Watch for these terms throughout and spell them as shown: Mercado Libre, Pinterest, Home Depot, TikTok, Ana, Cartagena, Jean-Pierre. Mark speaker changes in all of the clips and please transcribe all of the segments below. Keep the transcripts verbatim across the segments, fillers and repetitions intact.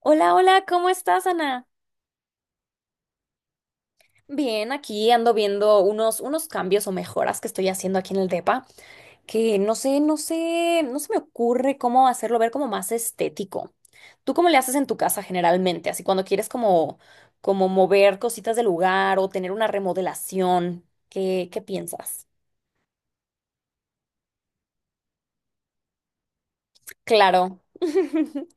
Speaker 1: Hola, hola, ¿cómo estás, Ana? Bien, aquí ando viendo unos, unos cambios o mejoras que estoy haciendo aquí en el depa, que no sé, no sé, no se me ocurre cómo hacerlo ver como más estético. ¿Tú cómo le haces en tu casa generalmente? Así cuando quieres como, como mover cositas del lugar o tener una remodelación, ¿qué, qué piensas? Claro.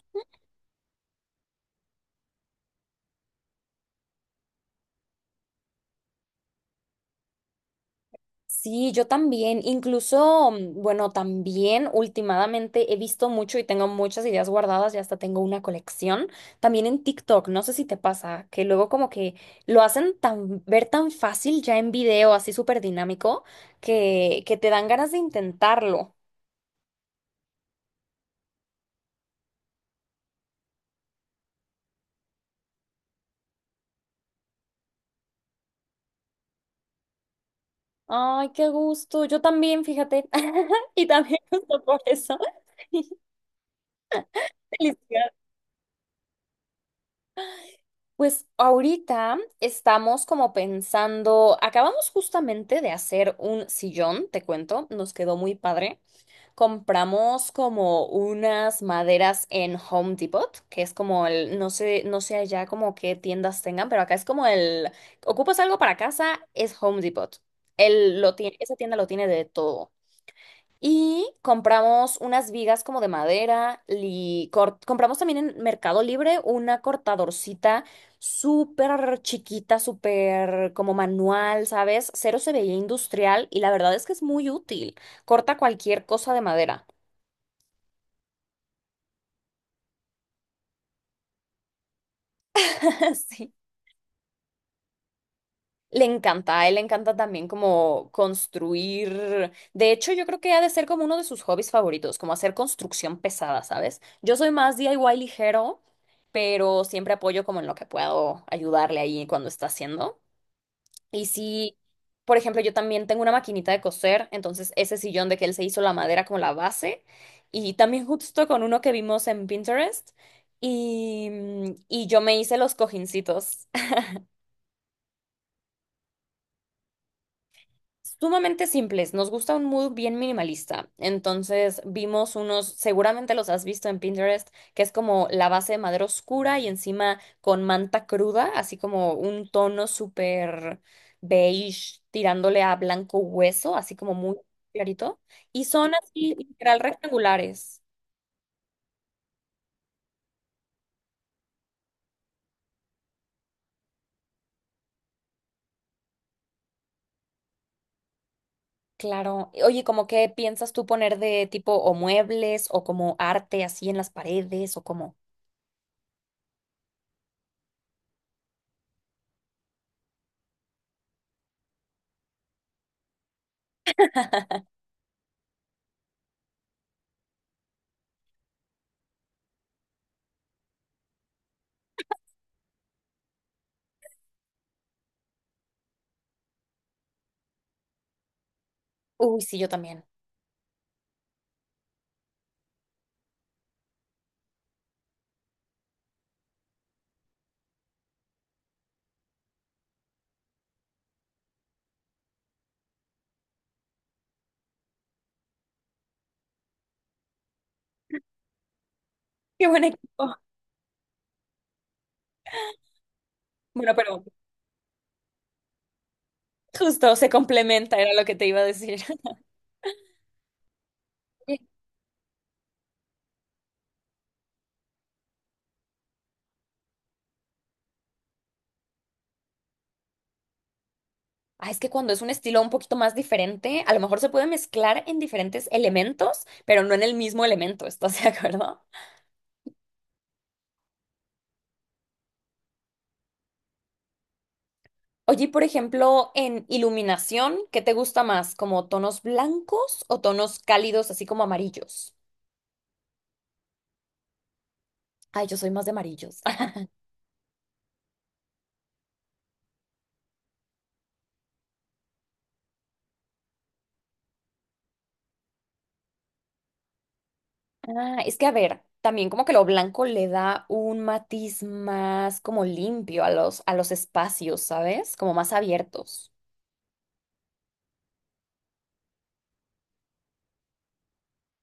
Speaker 1: Sí, yo también. Incluso, mm, bueno, también últimamente he visto mucho y tengo muchas ideas guardadas y hasta tengo una colección. También en TikTok, no sé si te pasa, que luego como que lo hacen tan, ver tan fácil ya en video, así súper dinámico, que, que te dan ganas de intentarlo. Ay, qué gusto. Yo también, fíjate. Y también justo por eso. Felicidades. Pues ahorita estamos como pensando, acabamos justamente de hacer un sillón, te cuento, nos quedó muy padre. Compramos como unas maderas en Home Depot, que es como el, no sé, no sé allá como qué tiendas tengan, pero acá es como el, ocupas algo para casa, es Home Depot. Él lo tiene, esa tienda lo tiene de todo. Y compramos unas vigas como de madera y compramos también en Mercado Libre una cortadorcita súper chiquita, súper como manual, ¿sabes? Cero se veía industrial y la verdad es que es muy útil. Corta cualquier cosa de madera. Sí. Le encanta, a él le encanta también como construir. De hecho, yo creo que ha de ser como uno de sus hobbies favoritos, como hacer construcción pesada, ¿sabes? Yo soy más D I Y ligero, pero siempre apoyo como en lo que puedo ayudarle ahí cuando está haciendo. Y sí, por ejemplo, yo también tengo una maquinita de coser, entonces ese sillón de que él se hizo la madera como la base, y también justo con uno que vimos en Pinterest, y, y yo me hice los cojincitos. Sumamente simples, nos gusta un mood bien minimalista. Entonces vimos unos, seguramente los has visto en Pinterest, que es como la base de madera oscura y encima con manta cruda, así como un tono súper beige tirándole a blanco hueso, así como muy clarito. Y son así literal rectangulares. Claro. Oye, ¿cómo qué piensas tú poner de tipo o muebles o como arte así en las paredes o como... Uy, sí, yo también. Qué buen equipo. Bueno, pero justo, se complementa, era lo que te iba a decir. Ah, es que cuando es un estilo un poquito más diferente, a lo mejor se puede mezclar en diferentes elementos, pero no en el mismo elemento, ¿estás de acuerdo? Oye, y por ejemplo, en iluminación, ¿qué te gusta más? ¿Como tonos blancos o tonos cálidos, así como amarillos? Ay, yo soy más de amarillos. Ah, es que a ver, también como que lo blanco le da un matiz más como limpio a los, a los espacios, ¿sabes? Como más abiertos.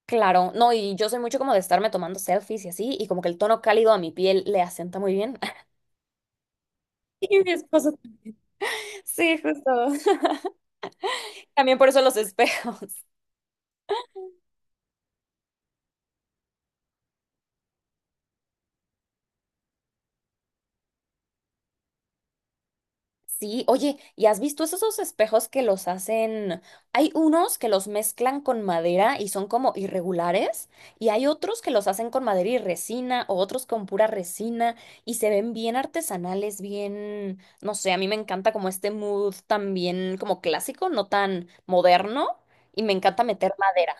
Speaker 1: Claro, no, y yo soy mucho como de estarme tomando selfies y así, y como que el tono cálido a mi piel le asienta muy bien. Y mi esposo, sí, justo. También por eso los espejos. Sí, oye, ¿y has visto esos esos espejos que los hacen? Hay unos que los mezclan con madera y son como irregulares, y hay otros que los hacen con madera y resina, o otros con pura resina, y se ven bien artesanales, bien, no sé, a mí me encanta como este mood también como clásico, no tan moderno, y me encanta meter madera.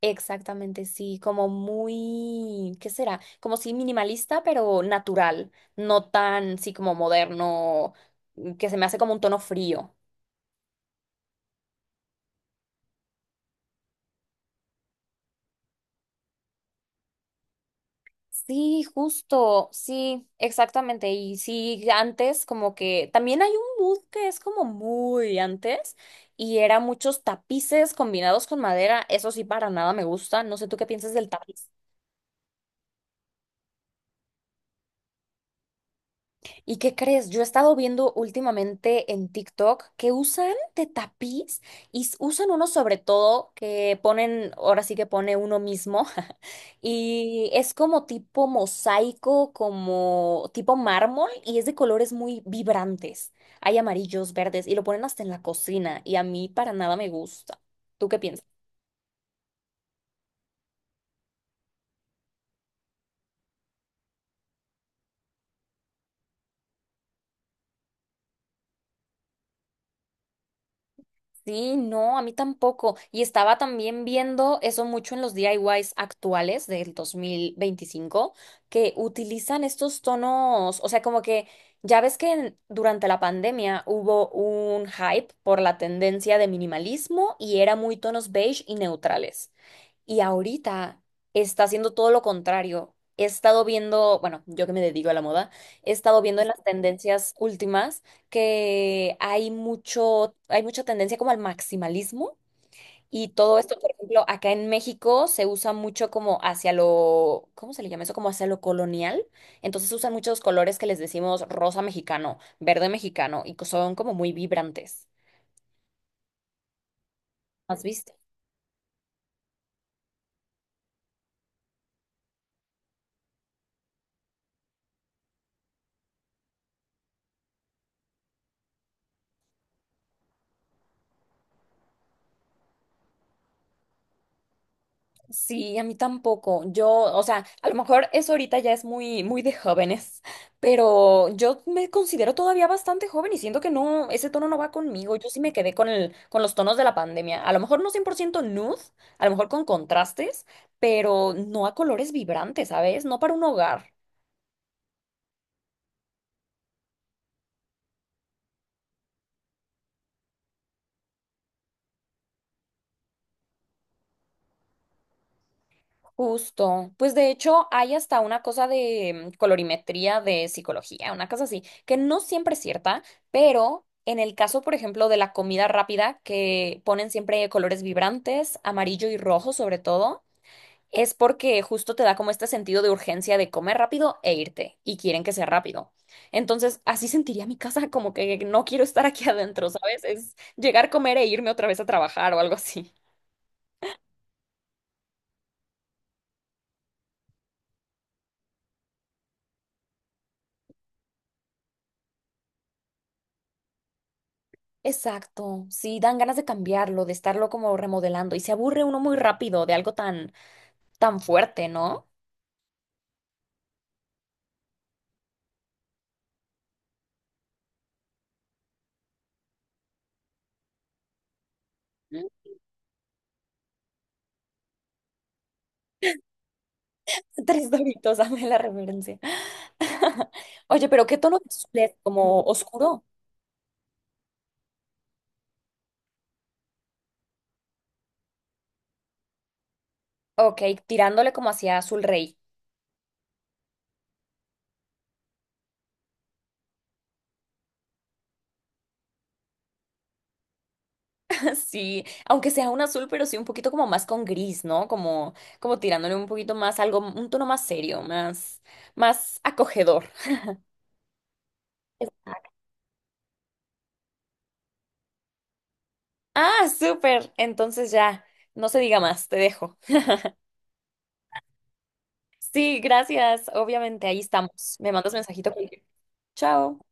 Speaker 1: Exactamente, sí, como muy, ¿qué será? Como sí minimalista, pero natural, no tan, sí, como moderno, mm, que se me hace como un tono frío. Sí, justo, sí, exactamente. Y sí, antes como que también hay un mood que es como muy antes y era muchos tapices combinados con madera. Eso sí, para nada me gusta. No sé tú qué piensas del tapiz. ¿Y qué crees? Yo he estado viendo últimamente en TikTok que usan de tapiz y s- usan uno sobre todo que ponen, ahora sí que pone uno mismo, y es como tipo mosaico, como tipo mármol y es de colores muy vibrantes. Hay amarillos, verdes y lo ponen hasta en la cocina y a mí para nada me gusta. ¿Tú qué piensas? Sí, no, a mí tampoco. Y estaba también viendo eso mucho en los D I Ys actuales del dos mil veinticinco, que utilizan estos tonos, o sea, como que ya ves que en- durante la pandemia hubo un hype por la tendencia de minimalismo y era muy tonos beige y neutrales. Y ahorita está haciendo todo lo contrario. He estado viendo, bueno, yo que me dedico a la moda, he estado viendo en las tendencias últimas que hay mucho, hay mucha tendencia como al maximalismo y todo esto, por ejemplo, acá en México se usa mucho como hacia lo, ¿cómo se le llama eso? Como hacia lo colonial. Entonces usan muchos colores que les decimos rosa mexicano, verde mexicano y que son como muy vibrantes. ¿Has visto? Sí, a mí tampoco. Yo, o sea, a lo mejor eso ahorita ya es muy, muy de jóvenes, pero yo me considero todavía bastante joven y siento que no, ese tono no va conmigo. Yo sí me quedé con el, con los tonos de la pandemia. A lo mejor no cien por ciento nude, a lo mejor con contrastes, pero no a colores vibrantes, ¿sabes? No para un hogar. Justo. Pues de hecho hay hasta una cosa de mm, colorimetría de psicología, una cosa así, que no siempre es cierta, pero en el caso, por ejemplo, de la comida rápida, que ponen siempre colores vibrantes, amarillo y rojo sobre todo, es porque justo te da como este sentido de urgencia de comer rápido e irte, y quieren que sea rápido. Entonces, así sentiría mi casa, como que no quiero estar aquí adentro, ¿sabes? Es llegar, comer e irme otra vez a trabajar o algo así. Exacto, sí, dan ganas de cambiarlo, de estarlo como remodelando y se aburre uno muy rápido de algo tan, tan fuerte, ¿no? Mm. Tres doritos, dame la referencia. Oye, pero ¿qué tono de azul es? ¿Como oscuro? Ok, tirándole como hacia azul rey. Sí, aunque sea un azul, pero sí un poquito como más con gris, ¿no? Como, como tirándole un poquito más, algo, un tono más serio, más, más acogedor. Exacto. Ah, súper. Entonces ya, no se diga más, te dejo. Sí, gracias. Obviamente, ahí estamos. Me mandas mensajito. Cualquier- Chao.